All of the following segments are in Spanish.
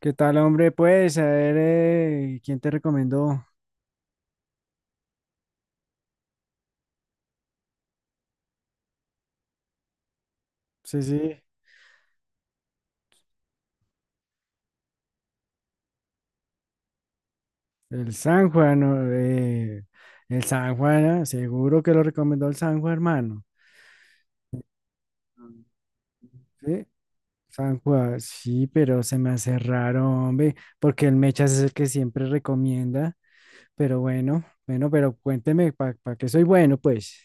¿Qué tal, hombre? Pues, a ver, ¿quién te recomendó? Sí, sí, el San Juan, ¿no? El San Juan, ah, seguro que lo recomendó el San Juan, hermano. Mm. Sí, San Juan, sí, pero se me hace raro, hombre, porque el Mechas es el que siempre recomienda. Pero bueno, bueno, pero cuénteme, ¿para qué soy bueno, pues?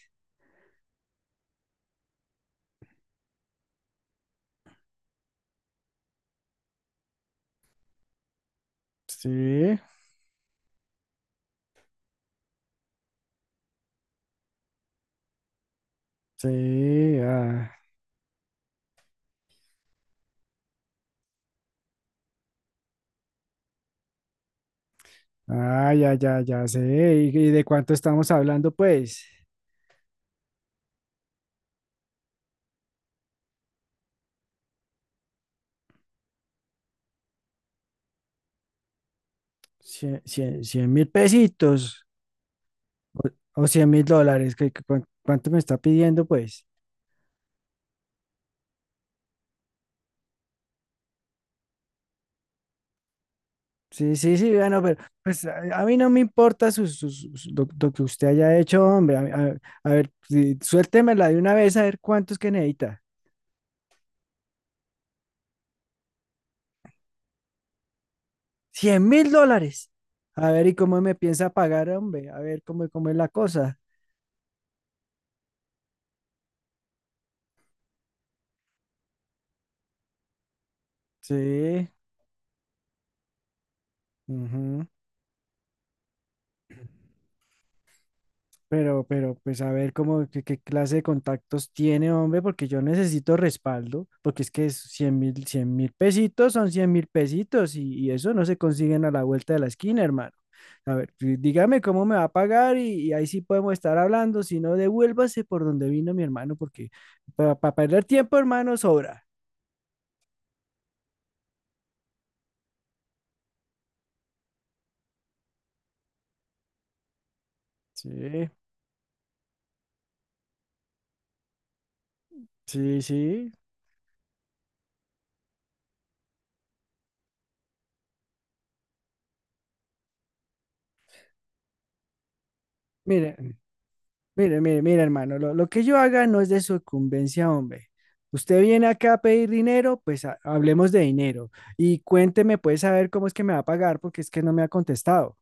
Sí, sí, ah, ah, ya, ya, ya sé. ¿Y de cuánto estamos hablando, pues? Cien mil pesitos o, o 100 mil dólares, que, ¿cuánto me está pidiendo, pues? Sí, sí, sí, bueno, pero pues a mí no me importa lo que usted haya hecho, hombre. A ver, sí, suéltemela de una vez a ver cuántos que necesita. 100 mil dólares. A ver, ¿y cómo me piensa pagar, hombre? A ver, cómo es la cosa. Sí. Ujú. Pues a ver cómo, qué clase de contactos tiene, hombre, porque yo necesito respaldo, porque es que es 100 mil pesitos son 100 mil pesitos y eso no se consiguen a la vuelta de la esquina, hermano. A ver, dígame cómo me va a pagar y ahí sí podemos estar hablando, si no, devuélvase por donde vino mi hermano, porque para perder tiempo, hermano, sobra. Sí, sí, sí. Mire, Mire, hermano, lo que yo haga no es de sucumbencia, hombre. Usted viene acá a pedir dinero, pues hablemos de dinero. Y cuénteme, pues, saber cómo es que me va a pagar, porque es que no me ha contestado.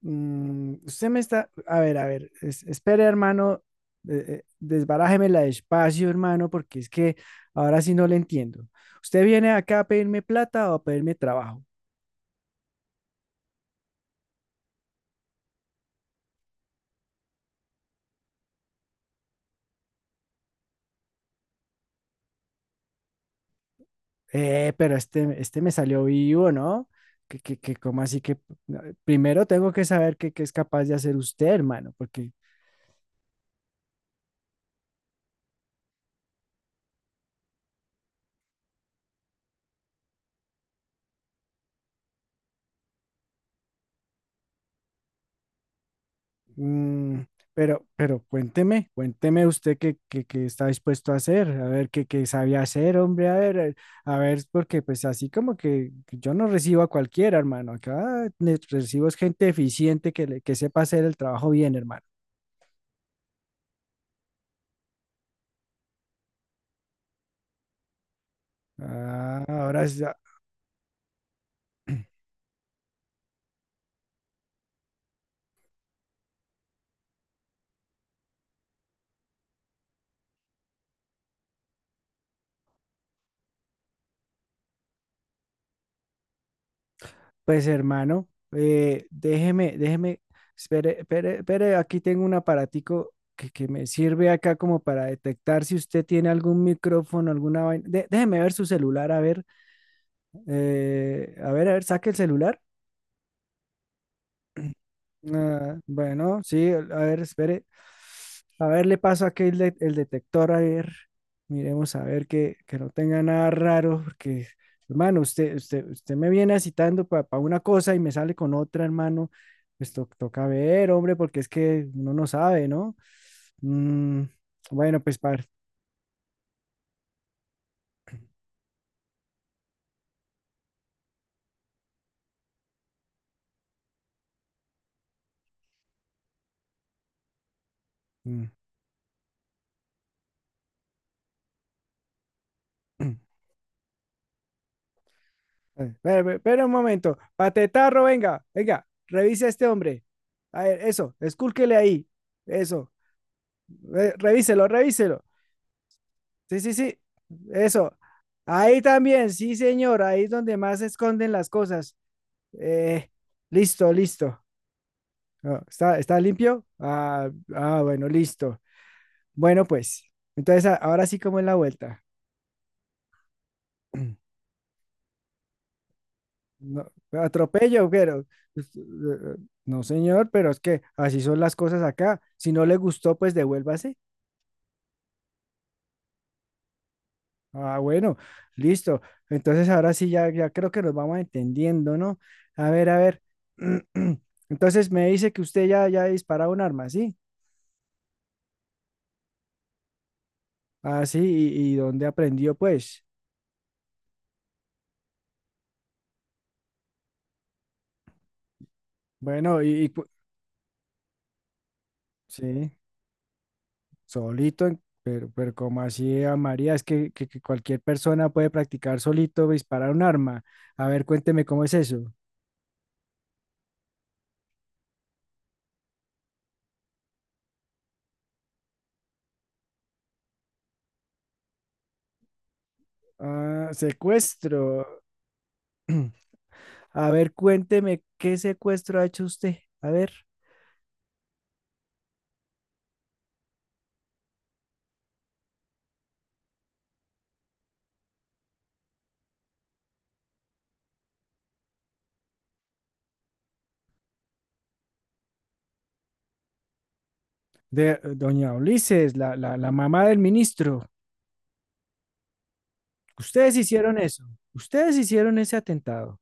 Mm, usted me está, a ver, espere, hermano, desbarájemela despacio, hermano, porque es que ahora sí no le entiendo. ¿Usted viene acá a pedirme plata o a pedirme trabajo? Pero este me salió vivo, ¿no? Que, cómo así que primero tengo que saber qué es capaz de hacer usted, hermano, porque, mm, pero cuénteme, cuénteme usted qué, qué está dispuesto a hacer, a ver qué, qué sabía hacer, hombre, a ver, porque pues así como que yo no recibo a cualquiera, hermano, acá recibo es gente eficiente que sepa hacer el trabajo bien, hermano. Ah, ahora, sí, ah, pues hermano, déjeme, espere, aquí tengo un aparatico que me sirve acá como para detectar si usted tiene algún micrófono, alguna vaina. Déjeme ver su celular, a ver, a ver, saque el celular. Ah, bueno, sí, a ver, espere. A ver, le paso aquí el detector, a ver. Miremos a ver que no tenga nada raro, porque, hermano, usted me viene citando para una cosa y me sale con otra, hermano. Pues toca ver, hombre, porque es que uno no sabe, ¿no? Mm, bueno, pues, par. Mm. Espera un momento. Patetarro, venga, revisa a este hombre. A ver, eso, escúlquele ahí. Eso. Revíselo, revíselo. Sí, sí, sí. Eso. Ahí también, sí, señor. Ahí es donde más se esconden las cosas. Eh, listo, listo. Ah, ¿está, está limpio? Ah, ah, bueno, listo. Bueno, pues. Entonces, ahora sí, ¿cómo es la vuelta? No, atropello, pero. Pues, no, señor, pero es que así son las cosas acá. Si no le gustó, pues devuélvase. Ah, bueno, listo. Entonces ahora sí ya, ya creo que nos vamos entendiendo, ¿no? A ver, a ver. Entonces me dice que usted ya, ya ha disparado un arma, ¿sí? Ah, sí, y dónde aprendió, pues? Bueno, sí, solito, pero como así, a María, es que, que cualquier persona puede practicar solito disparar un arma. A ver, cuénteme cómo es eso. Ah, secuestro. A ver, cuénteme qué secuestro ha hecho usted. A ver. De doña Ulises, la mamá del ministro. Ustedes hicieron eso, ustedes hicieron ese atentado.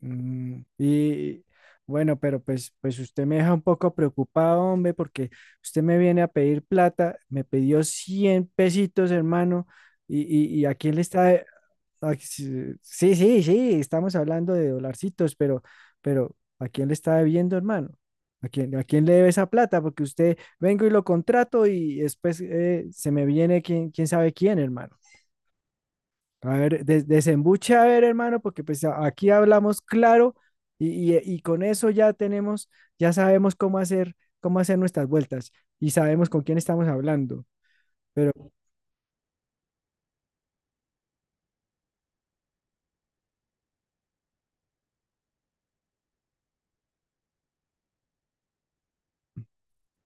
Mm, y bueno, pero pues, pues usted me deja un poco preocupado, hombre, porque usted me viene a pedir plata, me pidió 100 pesitos, hermano, y, y a quién le está. Ay, sí, sí, sí, sí, estamos hablando de dolarcitos, pero ¿a quién le está debiendo, hermano? A quién le debe esa plata? Porque usted vengo y lo contrato y después se me viene quién, quién sabe quién, hermano. A ver, desembuche, a ver, hermano, porque pues aquí hablamos claro y, y con eso ya tenemos, ya sabemos cómo hacer nuestras vueltas y sabemos con quién estamos hablando.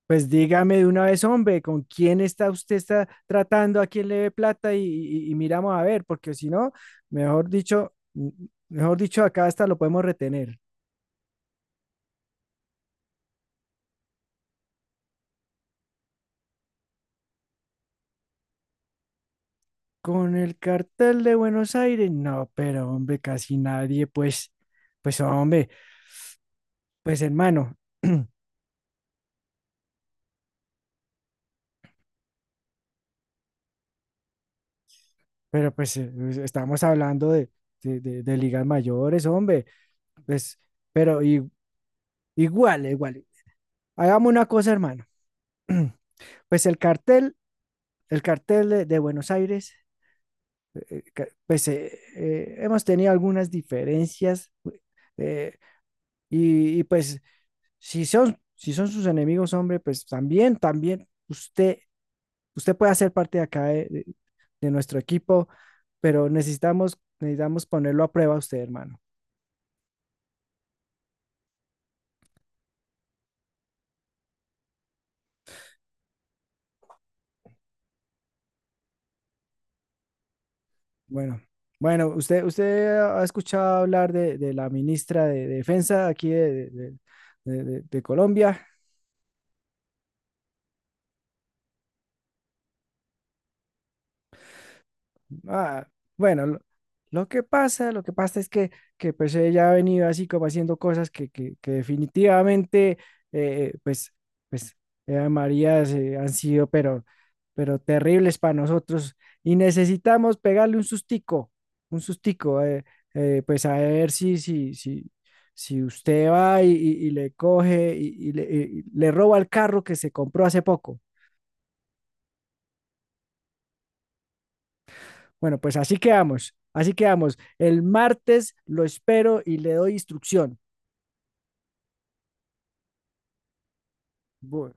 Pues dígame de una vez, hombre, ¿con quién está usted está tratando? ¿A quién le ve plata? Y, y miramos a ver, porque si no, mejor dicho, mm, mejor dicho, acá hasta lo podemos retener. Con el cartel de Buenos Aires, no, pero hombre, casi nadie, pues, pues hombre, pues hermano, pero pues pues, estamos hablando de, de ligas mayores, hombre, pues, pero igual, igual. Hagamos una cosa, hermano. Pues el cartel, el cartel de Buenos Aires, pues hemos tenido algunas diferencias, eh, y, pues si son, si son sus enemigos, hombre, pues también, también usted, usted puede hacer parte de acá de nuestro equipo, pero necesitamos, necesitamos ponerlo a prueba a usted, hermano. Bueno, bueno, usted ha escuchado hablar de la ministra de Defensa aquí de, de Colombia. Ah, bueno, lo que pasa es que pues ella ha venido así como haciendo cosas que, que definitivamente, pues, pues, Eva María han sido, pero terribles para nosotros y necesitamos pegarle un sustico, pues a ver si, si, si usted va y, y le coge y le roba el carro que se compró hace poco. Bueno, pues así quedamos, así quedamos. El martes lo espero y le doy instrucción. Bu-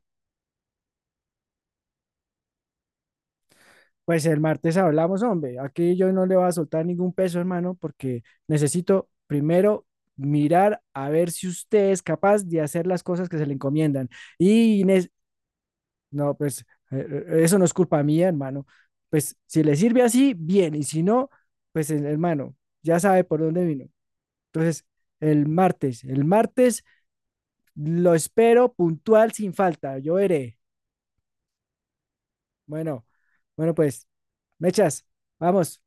Pues el martes hablamos, hombre. Aquí yo no le voy a soltar ningún peso, hermano, porque necesito primero mirar a ver si usted es capaz de hacer las cosas que se le encomiendan. Y Inés, no, pues eso no es culpa mía, hermano. Pues si le sirve así, bien. Y si no, pues hermano, ya sabe por dónde vino. Entonces, el martes lo espero puntual sin falta. Yo veré. Bueno, bueno, pues, mechas, vamos.